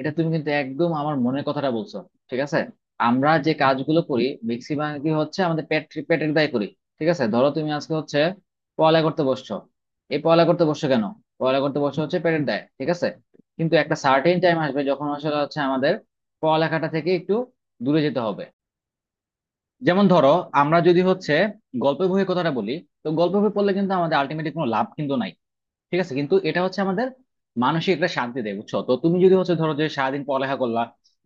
এটা তুমি কিন্তু একদম আমার মনের কথাটা বলছো। ঠিক আছে, আমরা যে কাজগুলো করি ম্যাক্সিমাম কি হচ্ছে আমাদের পেটের দায় করি। ঠিক আছে, ধরো তুমি আজকে হচ্ছে পড়ালেখা করতে বসছো। এই পড়ালেখা করতে বসছো কেন? পড়ালেখা করতে বসছো হচ্ছে পেটের দায়। ঠিক আছে, কিন্তু একটা সার্টেন টাইম আসবে যখন আসলে হচ্ছে আমাদের পড়ালেখাটা থেকে একটু দূরে যেতে হবে। যেমন ধরো, আমরা যদি হচ্ছে গল্প বইয়ের কথাটা বলি, তো গল্প বই পড়লে কিন্তু আমাদের আলটিমেটলি কোনো লাভ কিন্তু নাই। ঠিক আছে, কিন্তু এটা হচ্ছে আমাদের মানসিক একটা শান্তি দেয়, বুঝছো? তো তুমি যদি হচ্ছে ধরো যে সারাদিন পড়ালেখা করলা,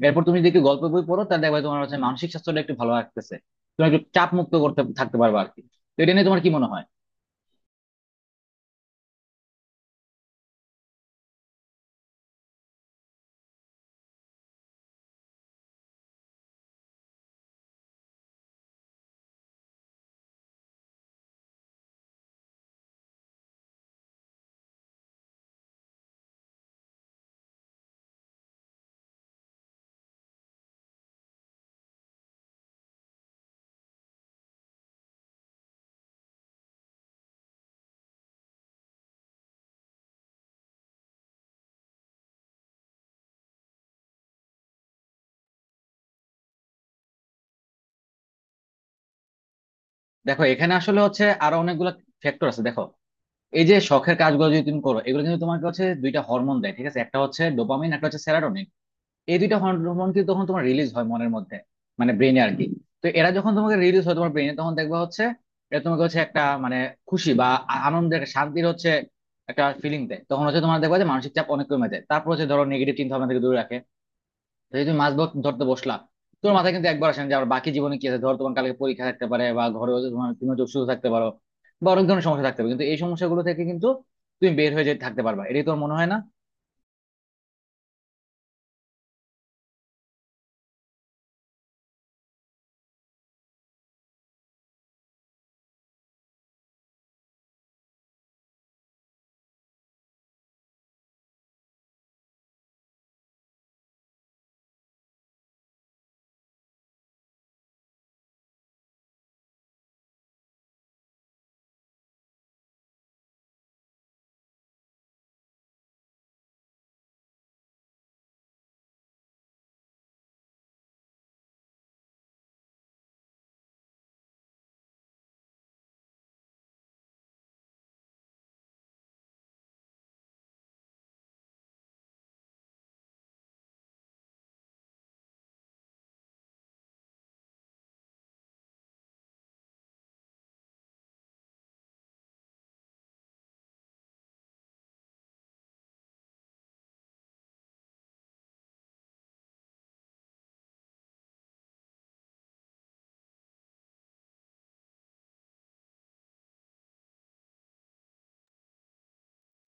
এরপর তুমি যদি একটু গল্প বই পড়ো, তাহলে দেখবে তোমার হচ্ছে মানসিক স্বাস্থ্যটা একটু ভালো রাখতেছে। তুমি একটু চাপ মুক্ত করতে থাকতে পারবে আর কি। তো এটা নিয়ে তোমার কি মনে হয়? দেখো, এখানে আসলে হচ্ছে আরো অনেকগুলো ফ্যাক্টর আছে। দেখো, এই যে শখের কাজগুলো যদি তুমি করো, এগুলো কিন্তু তোমাকে হচ্ছে দুইটা হরমোন দেয়। ঠিক আছে, একটা হচ্ছে ডোপামিন, একটা হচ্ছে সেরাটোনিন। এই দুইটা হরমোন কিন্তু তখন তোমার রিলিজ হয় মনের মধ্যে, মানে ব্রেনে আর কি। তো এরা যখন তোমাকে রিলিজ হয় তোমার ব্রেনে, তখন দেখবা হচ্ছে এটা তোমাকে হচ্ছে একটা মানে খুশি বা আনন্দের একটা শান্তির হচ্ছে একটা ফিলিং দেয়। তখন হচ্ছে তোমার দেখবা যে মানসিক চাপ অনেক কমে যায়, তারপর হচ্ছে ধরো নেগেটিভ চিন্তা ভাবনা থেকে দূরে রাখে। তো যদি তুমি মাছ ধরতে বসলা, তোমার মাথায় কিন্তু একবার আসে না যে আমার বাকি জীবনে কি আছে। ধরো তোমার কালকে পরীক্ষা থাকতে পারে বা ঘরে হচ্ছে তোমার তুমি হচ্ছে অসুস্থ থাকতে পারো বা অনেক ধরনের সমস্যা থাকতে পারে, কিন্তু এই সমস্যাগুলো থেকে কিন্তু তুমি বের হয়ে যেতে থাকতে পারবা। এটাই তোমার মনে হয় না?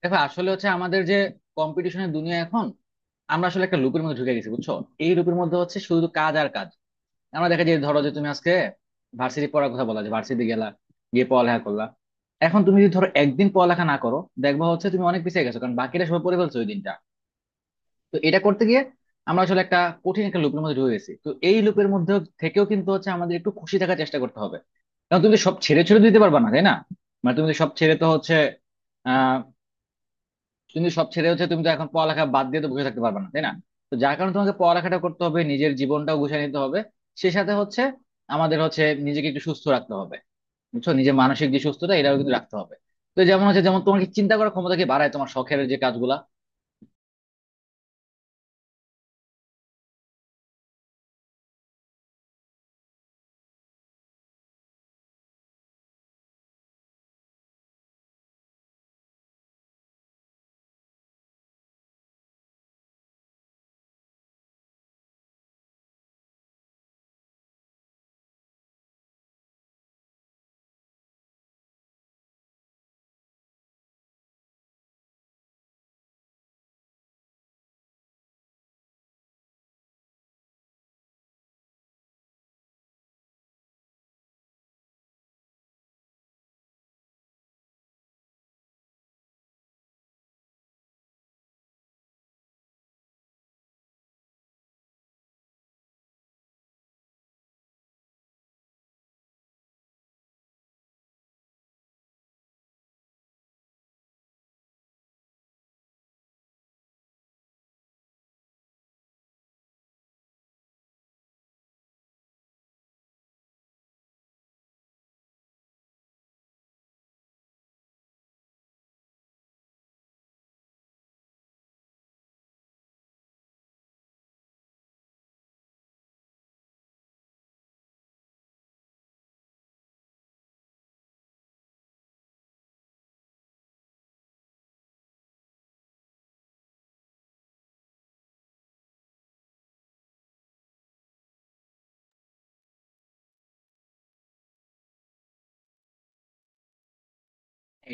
দেখো আসলে হচ্ছে আমাদের যে কম্পিটিশনের দুনিয়া এখন, আমরা আসলে একটা লুপের মধ্যে ঢুকে গেছি, বুঝছো? এই লুপের মধ্যে হচ্ছে শুধু কাজ আর কাজ। আমরা দেখা যায় ধরো যে তুমি আজকে ভার্সিটি পড়ার কথা বলা, যে ভার্সিটি গেলা, গিয়ে পড়ালেখা করলা। এখন তুমি যদি ধরো একদিন পড়ালেখা না করো, দেখবা হচ্ছে তুমি অনেক পিছিয়ে গেছো, কারণ বাকিরা সবাই পড়ে ফেলছো ওই দিনটা। তো এটা করতে গিয়ে আমরা আসলে একটা কঠিন একটা লুপের মধ্যে ঢুকে গেছি। তো এই লুপের মধ্যে থেকেও কিন্তু হচ্ছে আমাদের একটু খুশি থাকার চেষ্টা করতে হবে, কারণ তুমি তো সব ছেড়ে ছেড়ে দিতে পারবা না, তাই না? মানে তুমি তো সব ছেড়ে তো হচ্ছে, কিন্তু সব ছেড়ে হচ্ছে তুমি তো এখন পড়ালেখা বাদ দিয়ে তো বসে থাকতে পারবে না, তাই না? তো যার কারণে তোমাকে পড়ালেখাটা করতে হবে, নিজের জীবনটাও গুছিয়ে নিতে হবে। সে সাথে হচ্ছে আমাদের হচ্ছে নিজেকে একটু সুস্থ রাখতে হবে। বুঝছো, নিজের মানসিক যে সুস্থতা, এটাও কিন্তু রাখতে হবে। তো যেমন হচ্ছে, যেমন তোমার কি চিন্তা করার ক্ষমতাকে বাড়ায় তোমার শখের যে কাজগুলা।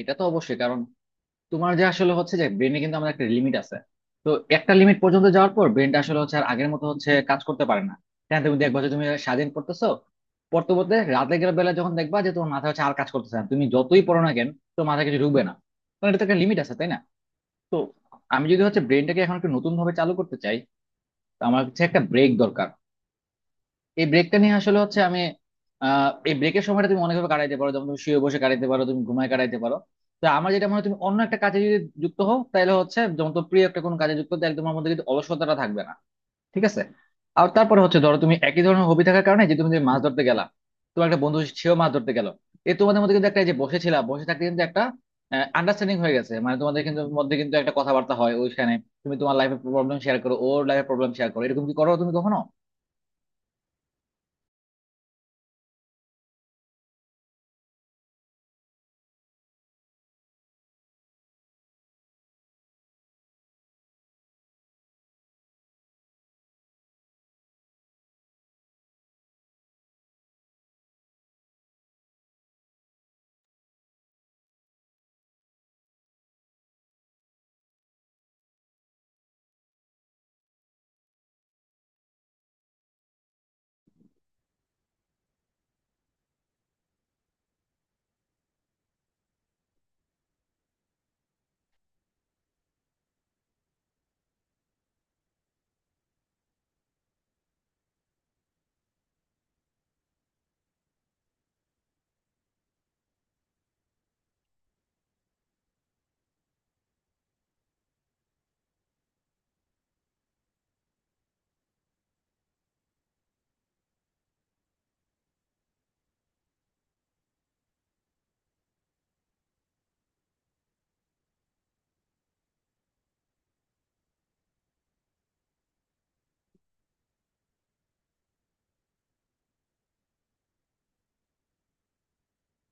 এটা তো অবশ্যই, কারণ তোমার যে আসলে হচ্ছে যে ব্রেনে কিন্তু আমাদের একটা লিমিট আছে। তো একটা লিমিট পর্যন্ত যাওয়ার পর ব্রেনটা আসলে হচ্ছে আর আগের মতো হচ্ছে কাজ করতে পারে না। হ্যাঁ, তুমি দেখবা যে তুমি স্বাধীন করতেছো, পড়তে পড়তে রাতে গেলে বেলা যখন দেখবা যে তোমার মাথা হচ্ছে আর কাজ করতেছে না, তুমি যতই পড়ো না কেন, তো মাথা কিছু ঢুকবে না। কারণ এটা তো একটা লিমিট আছে, তাই না? তো আমি যদি হচ্ছে ব্রেনটাকে এখন একটু নতুন ভাবে চালু করতে চাই, তো আমার হচ্ছে একটা ব্রেক দরকার। এই ব্রেকটা নিয়ে আসলে হচ্ছে আমি এই ব্রেকের সময়টা তুমি অনেকভাবে কাটাইতে পারো, যেমন তুমি শুয়ে বসে কাটাইতে পারো, তুমি ঘুমায় কাটাইতে পারো। তো আমার যেটা মনে হয়, তুমি অন্য একটা কাজে যদি যুক্ত হও তাহলে হচ্ছে, যেমন তোমার প্রিয় একটা কোনো কাজে যুক্ত হতে একদম আমার মধ্যে কিন্তু অলসতাটা থাকবে না। ঠিক আছে, আর তারপরে হচ্ছে ধরো তুমি একই ধরনের হবি থাকার কারণে যে তুমি যে মাছ ধরতে গেলা, তোমার একটা বন্ধু সেও মাছ ধরতে গেল। এ তোমাদের মধ্যে কিন্তু একটা, এই যে বসেছিলা বসে থাকতে কিন্তু একটা আন্ডারস্ট্যান্ডিং হয়ে গেছে, মানে তোমাদের কিন্তু মধ্যে কিন্তু একটা কথাবার্তা হয় ওইখানে। তুমি তোমার লাইফের প্রবলেম শেয়ার করো, ওর লাইফের প্রবলেম শেয়ার করো, এরকম কি করো তুমি কখনো?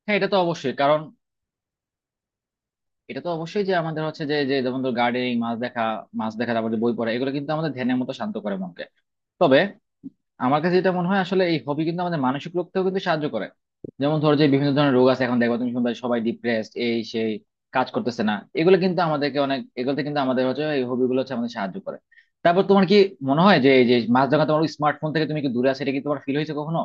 হ্যাঁ, এটা তো অবশ্যই কারণ এটা তো অবশ্যই যে আমাদের হচ্ছে যে যে যেমন ধর গার্ডেনিং, মাছ দেখা, তারপর যে বই পড়া, এগুলো কিন্তু আমাদের ধ্যানের মতো শান্ত করে মনকে। তবে আমার কাছে যেটা মনে হয় আসলে এই হবি কিন্তু আমাদের মানসিক রোগতেও কিন্তু সাহায্য করে। যেমন ধরো যে বিভিন্ন ধরনের রোগ আছে এখন, দেখো তুমি শুনবে সবাই ডিপ্রেসড, এই সেই কাজ করতেছে না। এগুলো কিন্তু আমাদেরকে অনেক, এগুলোতে কিন্তু আমাদের হচ্ছে এই হবি গুলো হচ্ছে আমাদের সাহায্য করে। তারপর তোমার কি মনে হয় যে এই যে মাছ দেখা, তোমার স্মার্টফোন থেকে তুমি কি দূরে আছে, এটা কি তোমার ফিল হয়েছে কখনো?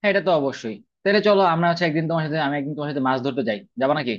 হ্যাঁ, এটা তো অবশ্যই। তাহলে চলো আমরা হচ্ছে একদিন তোমার সাথে, আমি একদিন তোমার সাথে মাছ ধরতে যাই, যাবা নাকি?